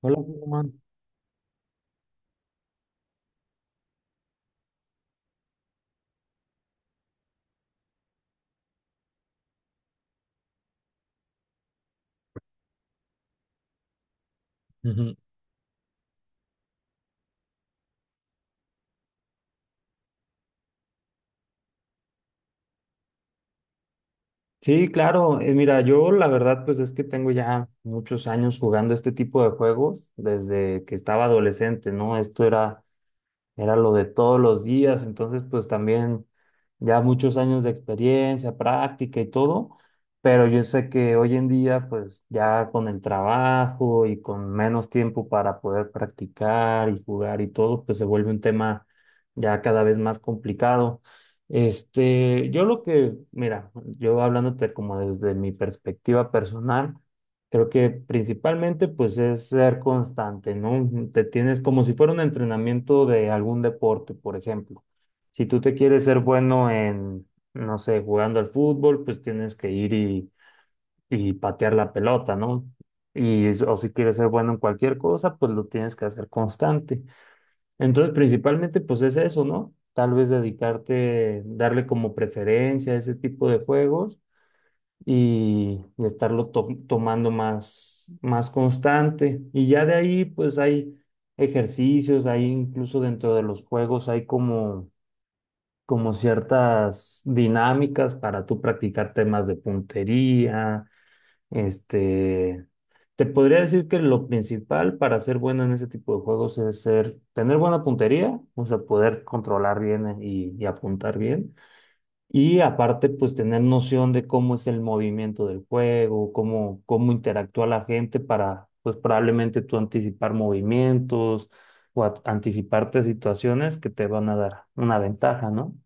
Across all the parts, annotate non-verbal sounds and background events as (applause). Hola, Germán. Ujú. Sí, claro. Mira, yo la verdad pues es que tengo ya muchos años jugando este tipo de juegos desde que estaba adolescente, ¿no? Esto era lo de todos los días, entonces pues también ya muchos años de experiencia, práctica y todo, pero yo sé que hoy en día pues ya con el trabajo y con menos tiempo para poder practicar y jugar y todo, pues se vuelve un tema ya cada vez más complicado. Este, mira, yo hablándote como desde mi perspectiva personal, creo que principalmente pues es ser constante, ¿no? Te tienes como si fuera un entrenamiento de algún deporte, por ejemplo. Si tú te quieres ser bueno en, no sé, jugando al fútbol, pues tienes que ir y patear la pelota, ¿no? Y, o si quieres ser bueno en cualquier cosa, pues lo tienes que hacer constante. Entonces, principalmente pues es eso, ¿no? Tal vez dedicarte, darle como preferencia a ese tipo de juegos y estarlo tomando más, más constante. Y ya de ahí, pues hay ejercicios, hay incluso dentro de los juegos, hay como ciertas dinámicas para tú practicar temas de puntería. Este, te podría decir que lo principal para ser bueno en ese tipo de juegos es tener buena puntería, o sea, poder controlar bien y apuntar bien y aparte, pues tener noción de cómo es el movimiento del juego, cómo interactúa la gente para, pues probablemente tú anticipar movimientos o anticiparte situaciones que te van a dar una ventaja, ¿no?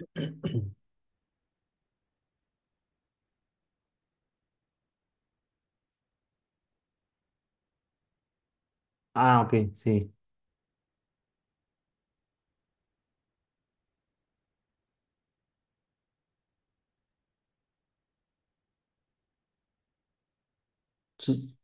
(clears throat) Ah, ok, sí. Sí,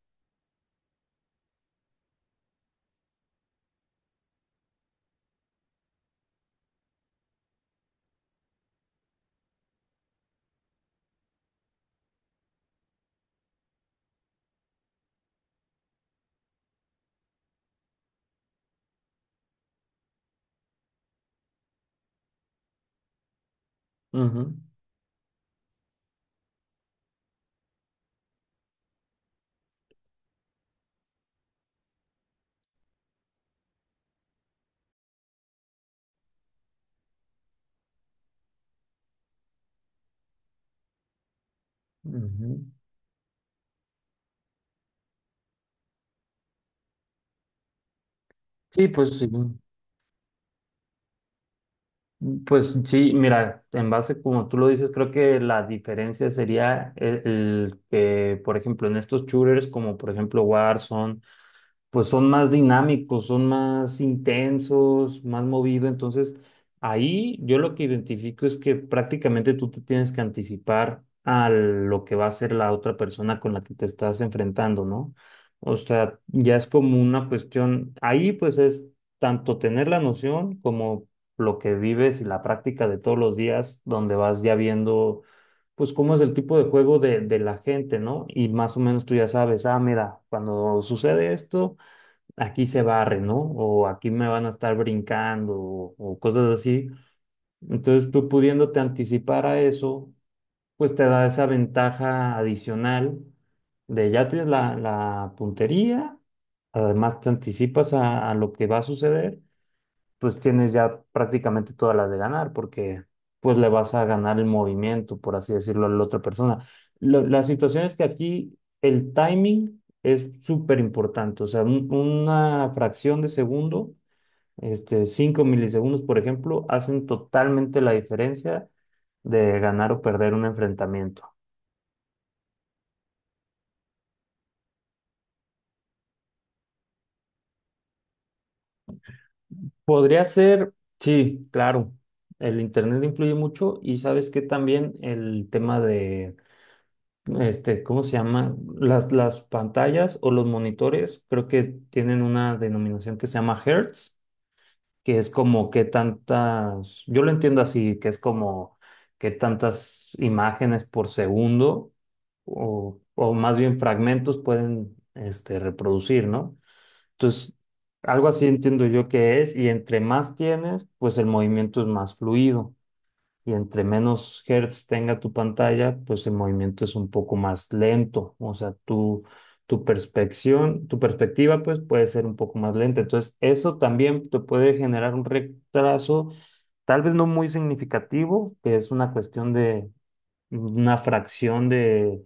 ujú, ujú. Sí, pues sí. Pues sí, mira, en base como tú lo dices, creo que la diferencia sería el que, por ejemplo, en estos shooters como por ejemplo Warzone, pues son más dinámicos, son más intensos, más movido. Entonces, ahí yo lo que identifico es que prácticamente tú te tienes que anticipar a lo que va a ser la otra persona con la que te estás enfrentando, ¿no? O sea, ya es como una cuestión, ahí pues es tanto tener la noción como lo que vives y la práctica de todos los días, donde vas ya viendo pues cómo es el tipo de juego de la gente, ¿no? Y más o menos tú ya sabes, ah, mira, cuando sucede esto, aquí se barre, ¿no? O aquí me van a estar brincando o cosas así. Entonces tú pudiéndote anticipar a eso, pues te da esa ventaja adicional de ya tienes la puntería, además te anticipas a lo que va a suceder pues tienes ya prácticamente todas las de ganar, porque pues le vas a ganar el movimiento, por así decirlo, a la otra persona. La situación es que aquí el timing es súper importante, o sea, una fracción de segundo, este, 5 milisegundos, por ejemplo, hacen totalmente la diferencia de ganar o perder un enfrentamiento. Podría ser, sí, claro, el internet influye mucho y sabes que también el tema de este, ¿cómo se llama? Las pantallas o los monitores, creo que tienen una denominación que se llama hertz, que es como qué tantas, yo lo entiendo así, que es como qué tantas imágenes por segundo o más bien fragmentos pueden reproducir, ¿no? Entonces, algo así entiendo yo que es, y entre más tienes, pues el movimiento es más fluido y entre menos hertz tenga tu pantalla, pues el movimiento es un poco más lento. O sea, tu perspección, tu perspectiva, pues puede ser un poco más lenta. Entonces, eso también te puede generar un retraso, tal vez no muy significativo, que es una cuestión de una fracción de,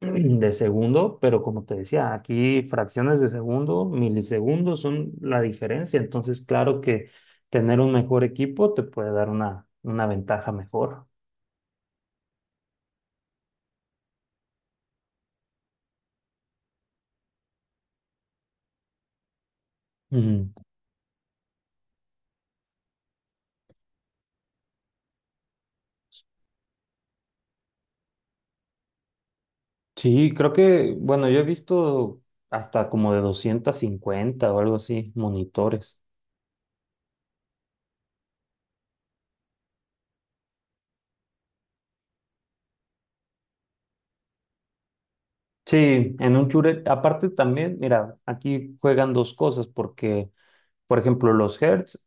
(clears throat) de segundo, pero como te decía, aquí fracciones de segundo, milisegundos son la diferencia. Entonces, claro que tener un mejor equipo te puede dar una ventaja mejor. Ujú. Sí, creo que, bueno, yo he visto hasta como de 250 o algo así, monitores. Sí, en un Shure, aparte también, mira, aquí juegan dos cosas, porque, por ejemplo, los hertz,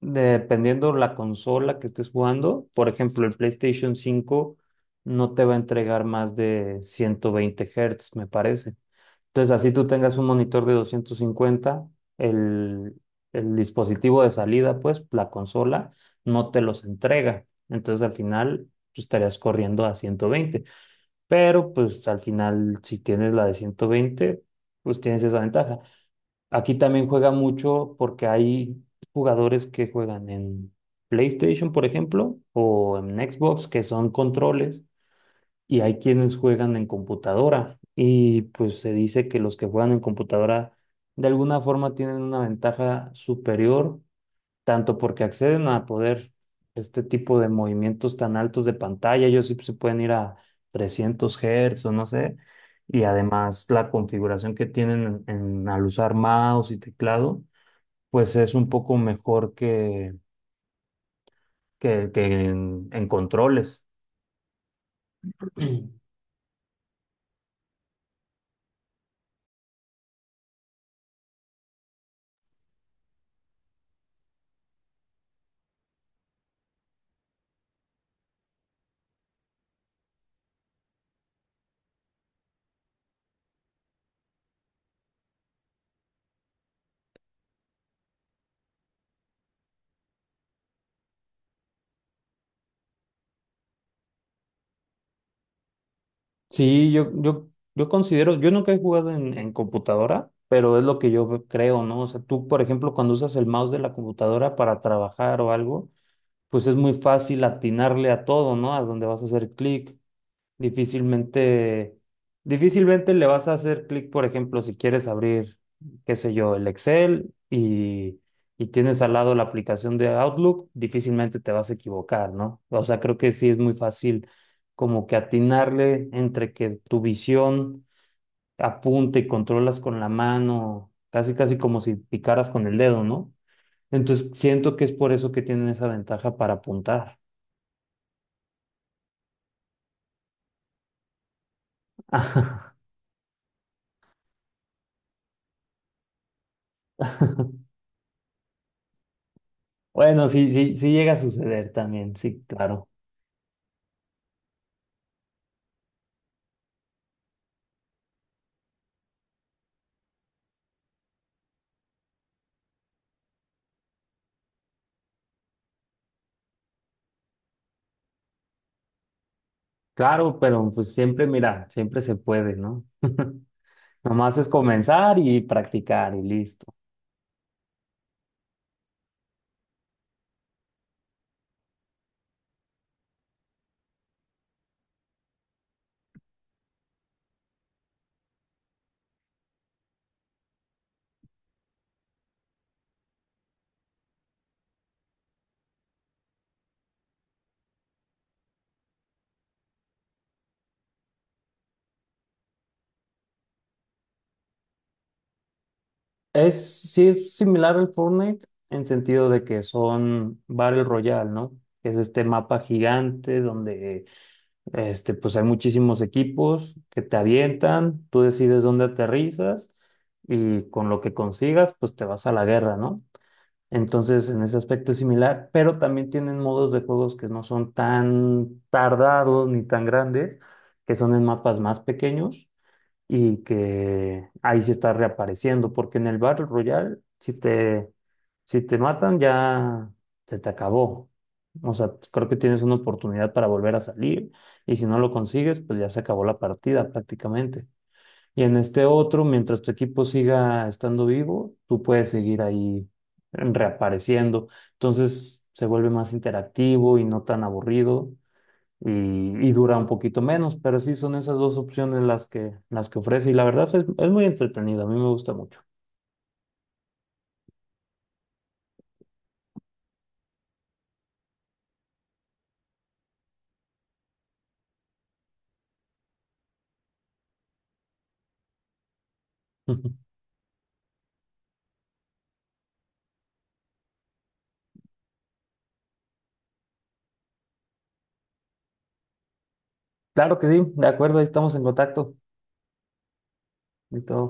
dependiendo la consola que estés jugando, por ejemplo, el PlayStation 5 no te va a entregar más de 120 hertz, me parece. Entonces, así tú tengas un monitor de 250 el, el dispositivo de salida, pues la consola, no te los entrega. Entonces, al final, tú estarías corriendo a 120. Pero, pues al final, si tienes la de 120 pues tienes esa ventaja. Aquí también juega mucho porque hay jugadores que juegan en PlayStation, por ejemplo, o en Xbox, que son controles y hay quienes juegan en computadora y pues se dice que los que juegan en computadora de alguna forma tienen una ventaja superior, tanto porque acceden a poder este tipo de movimientos tan altos de pantalla, ellos sí pues, se pueden ir a 300 Hz o no sé, y además la configuración que tienen en, al usar mouse y teclado, pues es un poco mejor que, que en controles. (clears throat) Sí, yo considero, yo nunca he jugado en computadora, pero es lo que yo creo, ¿no? O sea, tú, por ejemplo, cuando usas el mouse de la computadora para trabajar o algo, pues es muy fácil atinarle a todo, ¿no? A donde vas a hacer clic. Difícilmente, difícilmente le vas a hacer clic, por ejemplo, si quieres abrir, qué sé yo, el Excel y tienes al lado la aplicación de Outlook, difícilmente te vas a equivocar, ¿no? O sea, creo que sí es muy fácil como que atinarle entre que tu visión apunta y controlas con la mano, casi casi como si picaras con el dedo, ¿no? Entonces siento que es por eso que tienen esa ventaja para apuntar. (laughs) Bueno, sí, sí, sí llega a suceder también, sí, claro. Claro, pero pues siempre, mira, siempre se puede, ¿no? (laughs) Nomás es comenzar y practicar y listo. Es, sí es similar al Fortnite en sentido de que son Battle Royale, ¿no? Que es este mapa gigante donde este, pues hay muchísimos equipos que te avientan, tú decides dónde aterrizas y con lo que consigas, pues te vas a la guerra, ¿no? Entonces, en ese aspecto es similar, pero también tienen modos de juegos que no son tan tardados ni tan grandes, que son en mapas más pequeños y que ahí sí está reapareciendo, porque en el Battle Royale, si te matan, ya se te acabó. O sea, creo que tienes una oportunidad para volver a salir y si no lo consigues, pues ya se acabó la partida prácticamente. Y en este otro, mientras tu equipo siga estando vivo, tú puedes seguir ahí reapareciendo. Entonces se vuelve más interactivo y no tan aburrido y, y dura un poquito menos, pero sí son esas dos opciones las que ofrece y la verdad es muy entretenido, a mí me gusta mucho. (laughs) Claro que sí, de acuerdo, ahí estamos en contacto. Listo.